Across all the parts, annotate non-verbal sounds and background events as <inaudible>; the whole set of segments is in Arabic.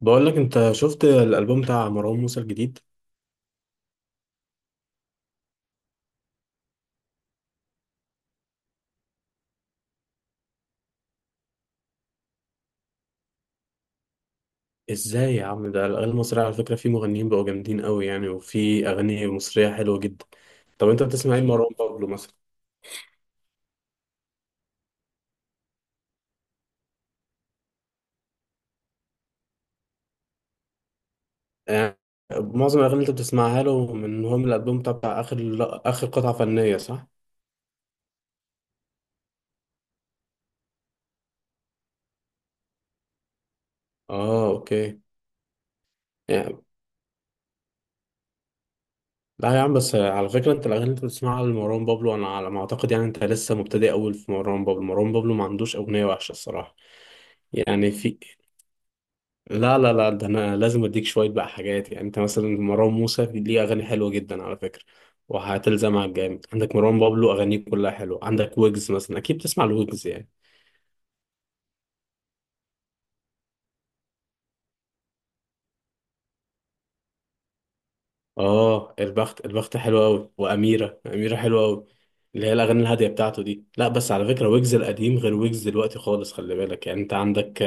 بقول لك، انت شفت الالبوم بتاع مروان موسى الجديد؟ ازاي يا عم، ده الاغاني المصريه على فكره في مغنيين بقوا جامدين قوي يعني، وفي اغاني مصريه حلوه جدا. طب انت بتسمع ايه مروان بابلو مثلا؟ يعني معظم الاغاني اللي انت بتسمعها له من من الالبوم بتاع اخر اخر قطعه فنيه، صح؟ اه اوكي. يعني لا يا عم، بس على فكره انت الاغاني اللي انت بتسمعها لمروان بابلو انا على ما اعتقد يعني انت لسه مبتدئ اول في مروان بابلو. مروان بابلو ما عندوش اغنيه وحشه الصراحه. يعني في لا، ده انا لازم اديك شويه بقى حاجات. يعني انت مثلا مروان موسى ليه اغاني حلوه جدا على فكره، وهتلزمها جامد. عندك مروان بابلو اغانيه كلها حلوه، عندك ويجز مثلا اكيد بتسمع الويجز يعني. اه البخت، البخت حلوه قوي، واميره اميره حلوه قوي. اللي هي الاغاني الهاديه بتاعته دي. لا بس على فكره ويجز القديم غير ويجز دلوقتي خالص، خلي بالك يعني انت عندك.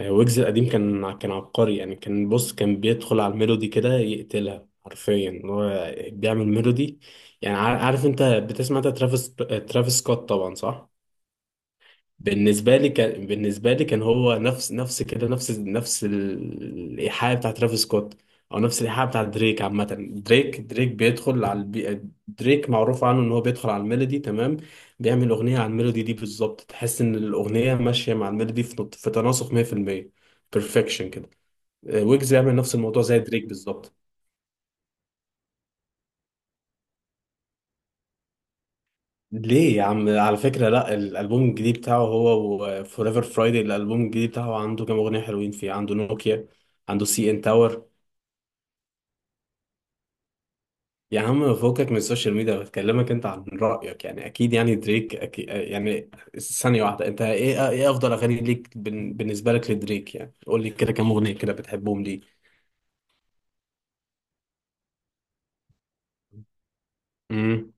ويجز القديم كان عبقري يعني، كان بص كان بيدخل على الميلودي كده يقتلها حرفيا، هو بيعمل ميلودي يعني. عارف انت بتسمع انت ترافيس سكوت طبعا صح؟ بالنسبة لي كان، بالنسبة لي كان هو نفس كده، نفس الإيحاء بتاع ترافيس سكوت، أو نفس الإيحاء بتاع دريك عامة. دريك بيدخل على دريك معروف عنه إن هو بيدخل على الميلودي تمام، بيعمل أغنية على الميلودي دي بالظبط، تحس إن الأغنية ماشية مع الميلودي في تناسق 100%، بيرفكشن كده. ويجز يعمل نفس الموضوع زي دريك بالظبط. ليه يا عم، على فكرة لا الألبوم الجديد بتاعه هو وفوريفر فرايدي الألبوم الجديد بتاعه عنده كام أغنية حلوين فيه. عنده نوكيا، عنده سي إن تاور. يا عم، فوقك من السوشيال ميديا، بكلمك أنت عن رأيك يعني. أكيد يعني دريك أكيد يعني. ثانية واحدة، أنت إيه، إيه أفضل أغاني ليك بالنسبة لك لدريك؟ يعني قول لي كده كام أغنية كده بتحبهم ليه. امم.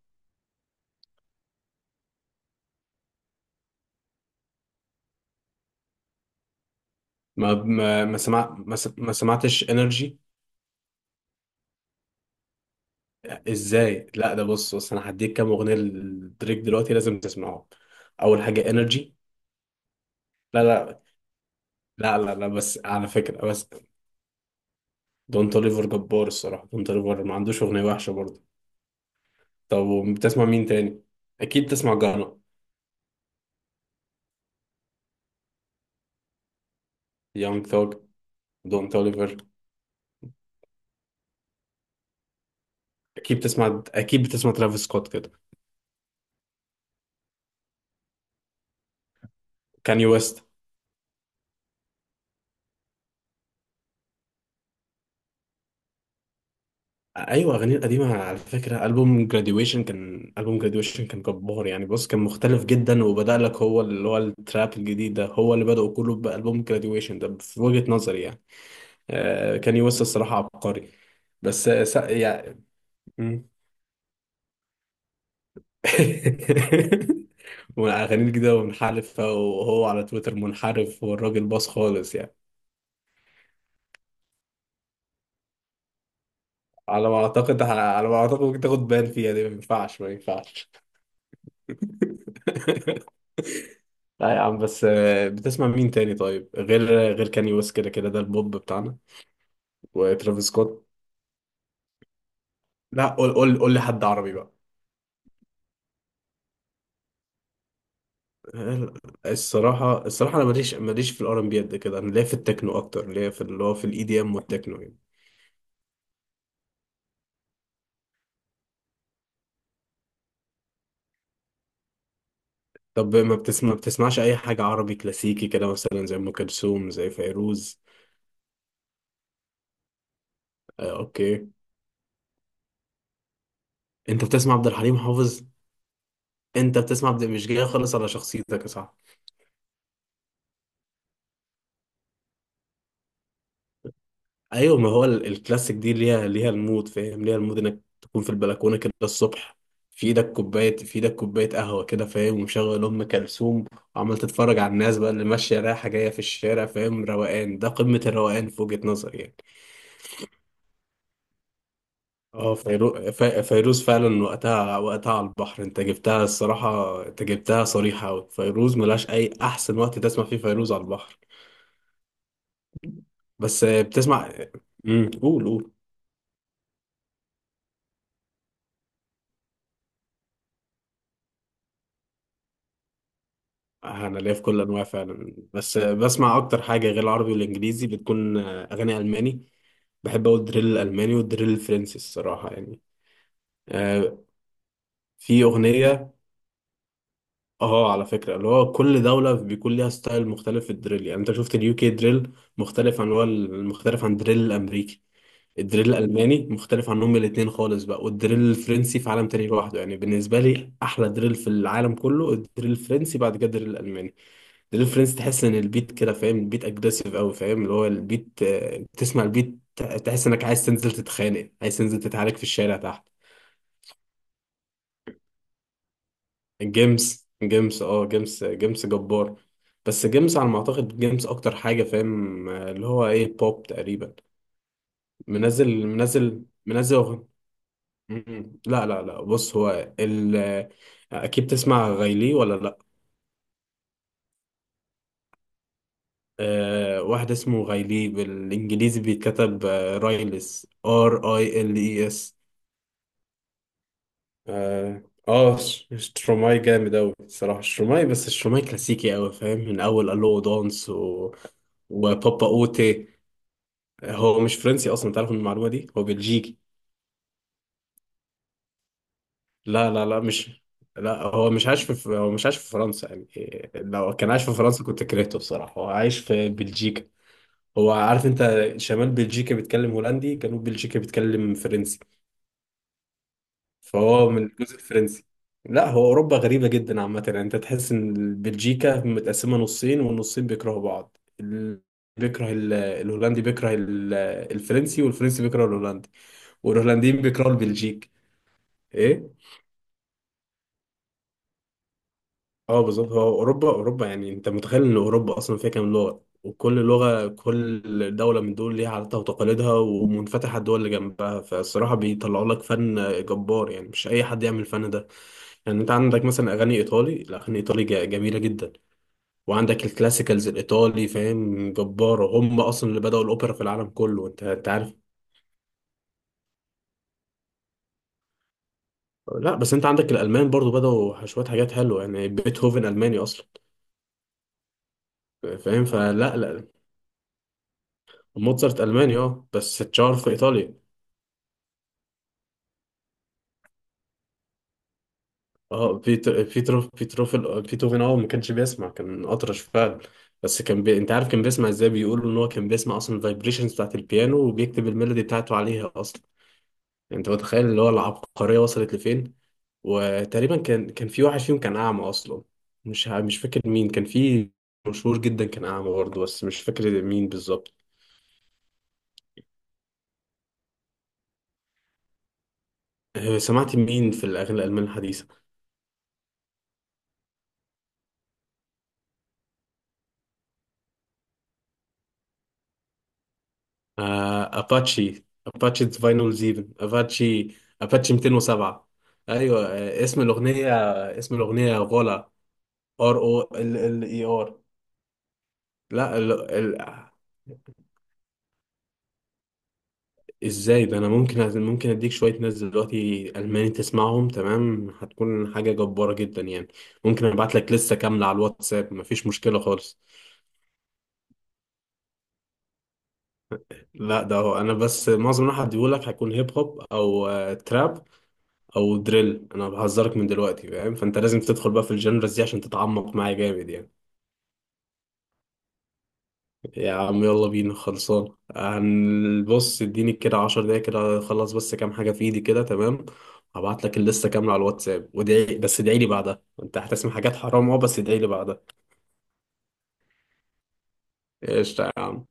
ما سمعتش إنرجي؟ إزاي؟ لا ده بص بص، أنا هديك كام أغنية لدريك دلوقتي لازم تسمعهم. أول حاجة إنرجي. لا لا لا لا لا، بس على فكرة بس دون توليفر جبار الصراحة، دون توليفر ما عندوش أغنية وحشة برضه. طب بتسمع مين تاني؟ أكيد بتسمع جانا، يونج ثوج، دون توليفر. أكيد بتسمع، أكيد بتسمع ترافيس سكوت كده، كاني ويست. أيوة أغانيه القديمة على فكرة ألبوم جراديويشن، كان ألبوم جراديويشن كان جبار يعني. بص كان مختلف جدا، وبدأ لك هو اللي هو التراب الجديد ده هو اللي بدأ كله بألبوم جراديويشن ده، في وجهة نظري يعني. آه كاني ويست الصراحة عبقري. بس يعني. <laughs> ومنعغنين كده ومنحرفة، وهو على تويتر منحرف، والراجل باص خالص يعني. على ما اعتقد، على ما اعتقد ممكن تاخد بان فيها دي. ما ينفعش، ما ينفعش. <laughs> لا يا عم، بس بتسمع مين تاني طيب غير، غير كاني ويست كده كده ده البوب بتاعنا، وترافيس سكوت. لا قول، قول لي حد عربي بقى. الصراحة الصراحة أنا ماليش في الآر إن بي قد كده، أنا ليا في التكنو أكتر، ليا في اللي هو في الإي دي إم والتكنو يعني. طب ما بتسمع، ما بتسمعش اي حاجة عربي كلاسيكي كده مثلا زي ام كلثوم زي فيروز؟ آه اوكي. انت بتسمع عبد الحليم حافظ؟ انت بتسمع عبد، مش جاي خالص على شخصيتك يا صاحبي. ايوه ما هو الكلاسيك دي ليها، ليها المود، فاهم ليها المود انك تكون في البلكونة كده الصبح. في ايدك كوباية، في ايدك كوباية قهوة كده فاهم، ومشغل ام كلثوم، وعمال تتفرج على الناس بقى اللي ماشية رايحة جاية في الشارع فاهم. روقان ده قمة الروقان في وجهة نظري يعني. اه فيروز فعلا وقتها، وقتها على البحر انت جبتها الصراحة، انت جبتها صريحة أوي. فيروز ملهاش أي أحسن وقت تسمع فيه فيروز على البحر. بس بتسمع، امم، قول. أنا ليا في كل أنواع فعلا، بس بسمع أكتر حاجة غير العربي والإنجليزي بتكون أغاني ألماني. بحب أوي الدريل الألماني والدريل الفرنسي الصراحة يعني. آه، في أغنية، اه على فكرة اللي هو كل دولة بيكون ليها ستايل مختلف في الدريل. يعني انت شفت اليو كي دريل مختلف عن هو المختلف عن الدريل الامريكي. الدريل الالماني مختلف عنهم الاتنين خالص بقى، والدريل الفرنسي في عالم تاني لوحده يعني. بالنسبة لي احلى دريل في العالم كله الدريل الفرنسي، بعد كده الدريل الالماني. الدريل الفرنسي تحس ان البيت كده فاهم، البيت اجريسيف قوي فاهم، اللي هو البيت تسمع البيت تحس انك عايز تنزل تتخانق، عايز تنزل تتعارك في الشارع تحت. جيمس، اه جيمس جبار. بس جيمس على ما اعتقد جيمس اكتر حاجه فاهم اللي هو ايه بوب تقريبا. منزل منزل منزل أغن- مم. لا، بص هو ال آه، اكيد تسمع غايلي ولا لا؟ أه واحد اسمه غايلي، بالانجليزي بيتكتب رايلس، ار اي ال اي اس. اه. شتروماي جامد اوي الصراحه شتروماي، بس شتروماي كلاسيكي اوي فاهم، من اول الو دانس و وبابا اوتي. هو مش فرنسي اصلا تعرف، من المعلومه دي هو بلجيكي. لا لا لا مش، لا هو مش عايش في، هو مش عايش في فرنسا يعني إيه، لو كان عايش في فرنسا كنت كرهته بصراحه، هو عايش في بلجيكا. هو عارف انت، شمال بلجيكا بيتكلم هولندي، جنوب بلجيكا بيتكلم فرنسي، فهو من الجزء الفرنسي. لا هو اوروبا غريبه جدا عامه يعني، انت تحس ان بلجيكا متقسمه نصين والنصين بيكرهوا بعض. بيكره الهولندي بيكره الفرنسي، والفرنسي بيكره الهولندي، والهولنديين بيكرهوا البلجيك. ايه. اه بالظبط، هو اوروبا، اوروبا يعني انت متخيل ان اوروبا اصلا فيها كام لغه، وكل لغه كل دوله من دول ليها عاداتها وتقاليدها ومنفتحه الدول اللي جنبها، فالصراحه بيطلعوا لك فن جبار يعني، مش اي حد يعمل الفن ده. يعني انت عندك مثلا اغاني ايطالي، الاغاني الايطالي جميله جدا، وعندك الكلاسيكالز الايطالي فاهم جباره. هم اصلا اللي بداوا الاوبرا في العالم كله، انت انت عارف. لا بس انت عندك الالمان برضو بداوا شويه حاجات حلوه يعني، بيتهوفن الماني اصلا فاهم. فلا لا موتزارت ألماني اه، بس اتشهر في إيطاليا. اه بيتر بيتروف بيتروف بيتهوفن اه ما كانش بيسمع كان أطرش فعلا. بس انت عارف كان بيسمع ازاي؟ بيقولوا ان هو كان بيسمع اصلا الفايبريشنز بتاعت البيانو وبيكتب الميلودي بتاعته عليها اصلا. انت متخيل اللي هو العبقرية وصلت لفين! وتقريبا كان في واحد فيهم كان اعمى اصلا، مش فاكر مين كان في، مشهور جدا كان اعمى برضه، بس مش فاكر مين بالظبط. سمعت مين في الأغاني الألمان الحديثة؟ اباتشي فاينل 7، اباتشي 207. ايوه اسم الاغنيه، اسم الاغنيه غولا، ار او، ال ال اي ار. لا ال ال ازاي ده انا ممكن اديك شويه ناس دلوقتي الماني تسمعهم تمام، هتكون حاجه جباره جدا يعني. ممكن ابعت لك لسه كامله على الواتساب مفيش مشكله خالص. لا ده هو انا بس معظم اللي هديهولك هيكون هيب هوب او تراب او دريل، انا بهزرك من دلوقتي فاهم، فانت لازم تدخل بقى في الجنرز دي عشان تتعمق معايا جامد يعني. يا عم يلا بينا خلصان، هنبص اديني كده 10 دقايق كده اخلص بس كام حاجه في ايدي كده تمام، هبعت لك اللسته كامله على الواتساب ودعي، بس ادعي لي بعدها انت هتسمع حاجات حرام اه، بس ادعي لي بعدها. ايش يا عم.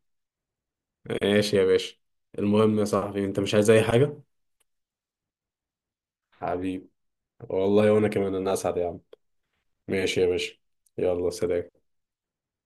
ماشي يا باشا. المهم يا صاحبي، انت مش عايز اي حاجه؟ حبيبي، والله وانا كمان انا اسعد يا عم. ماشي يا باشا، يلا سلام.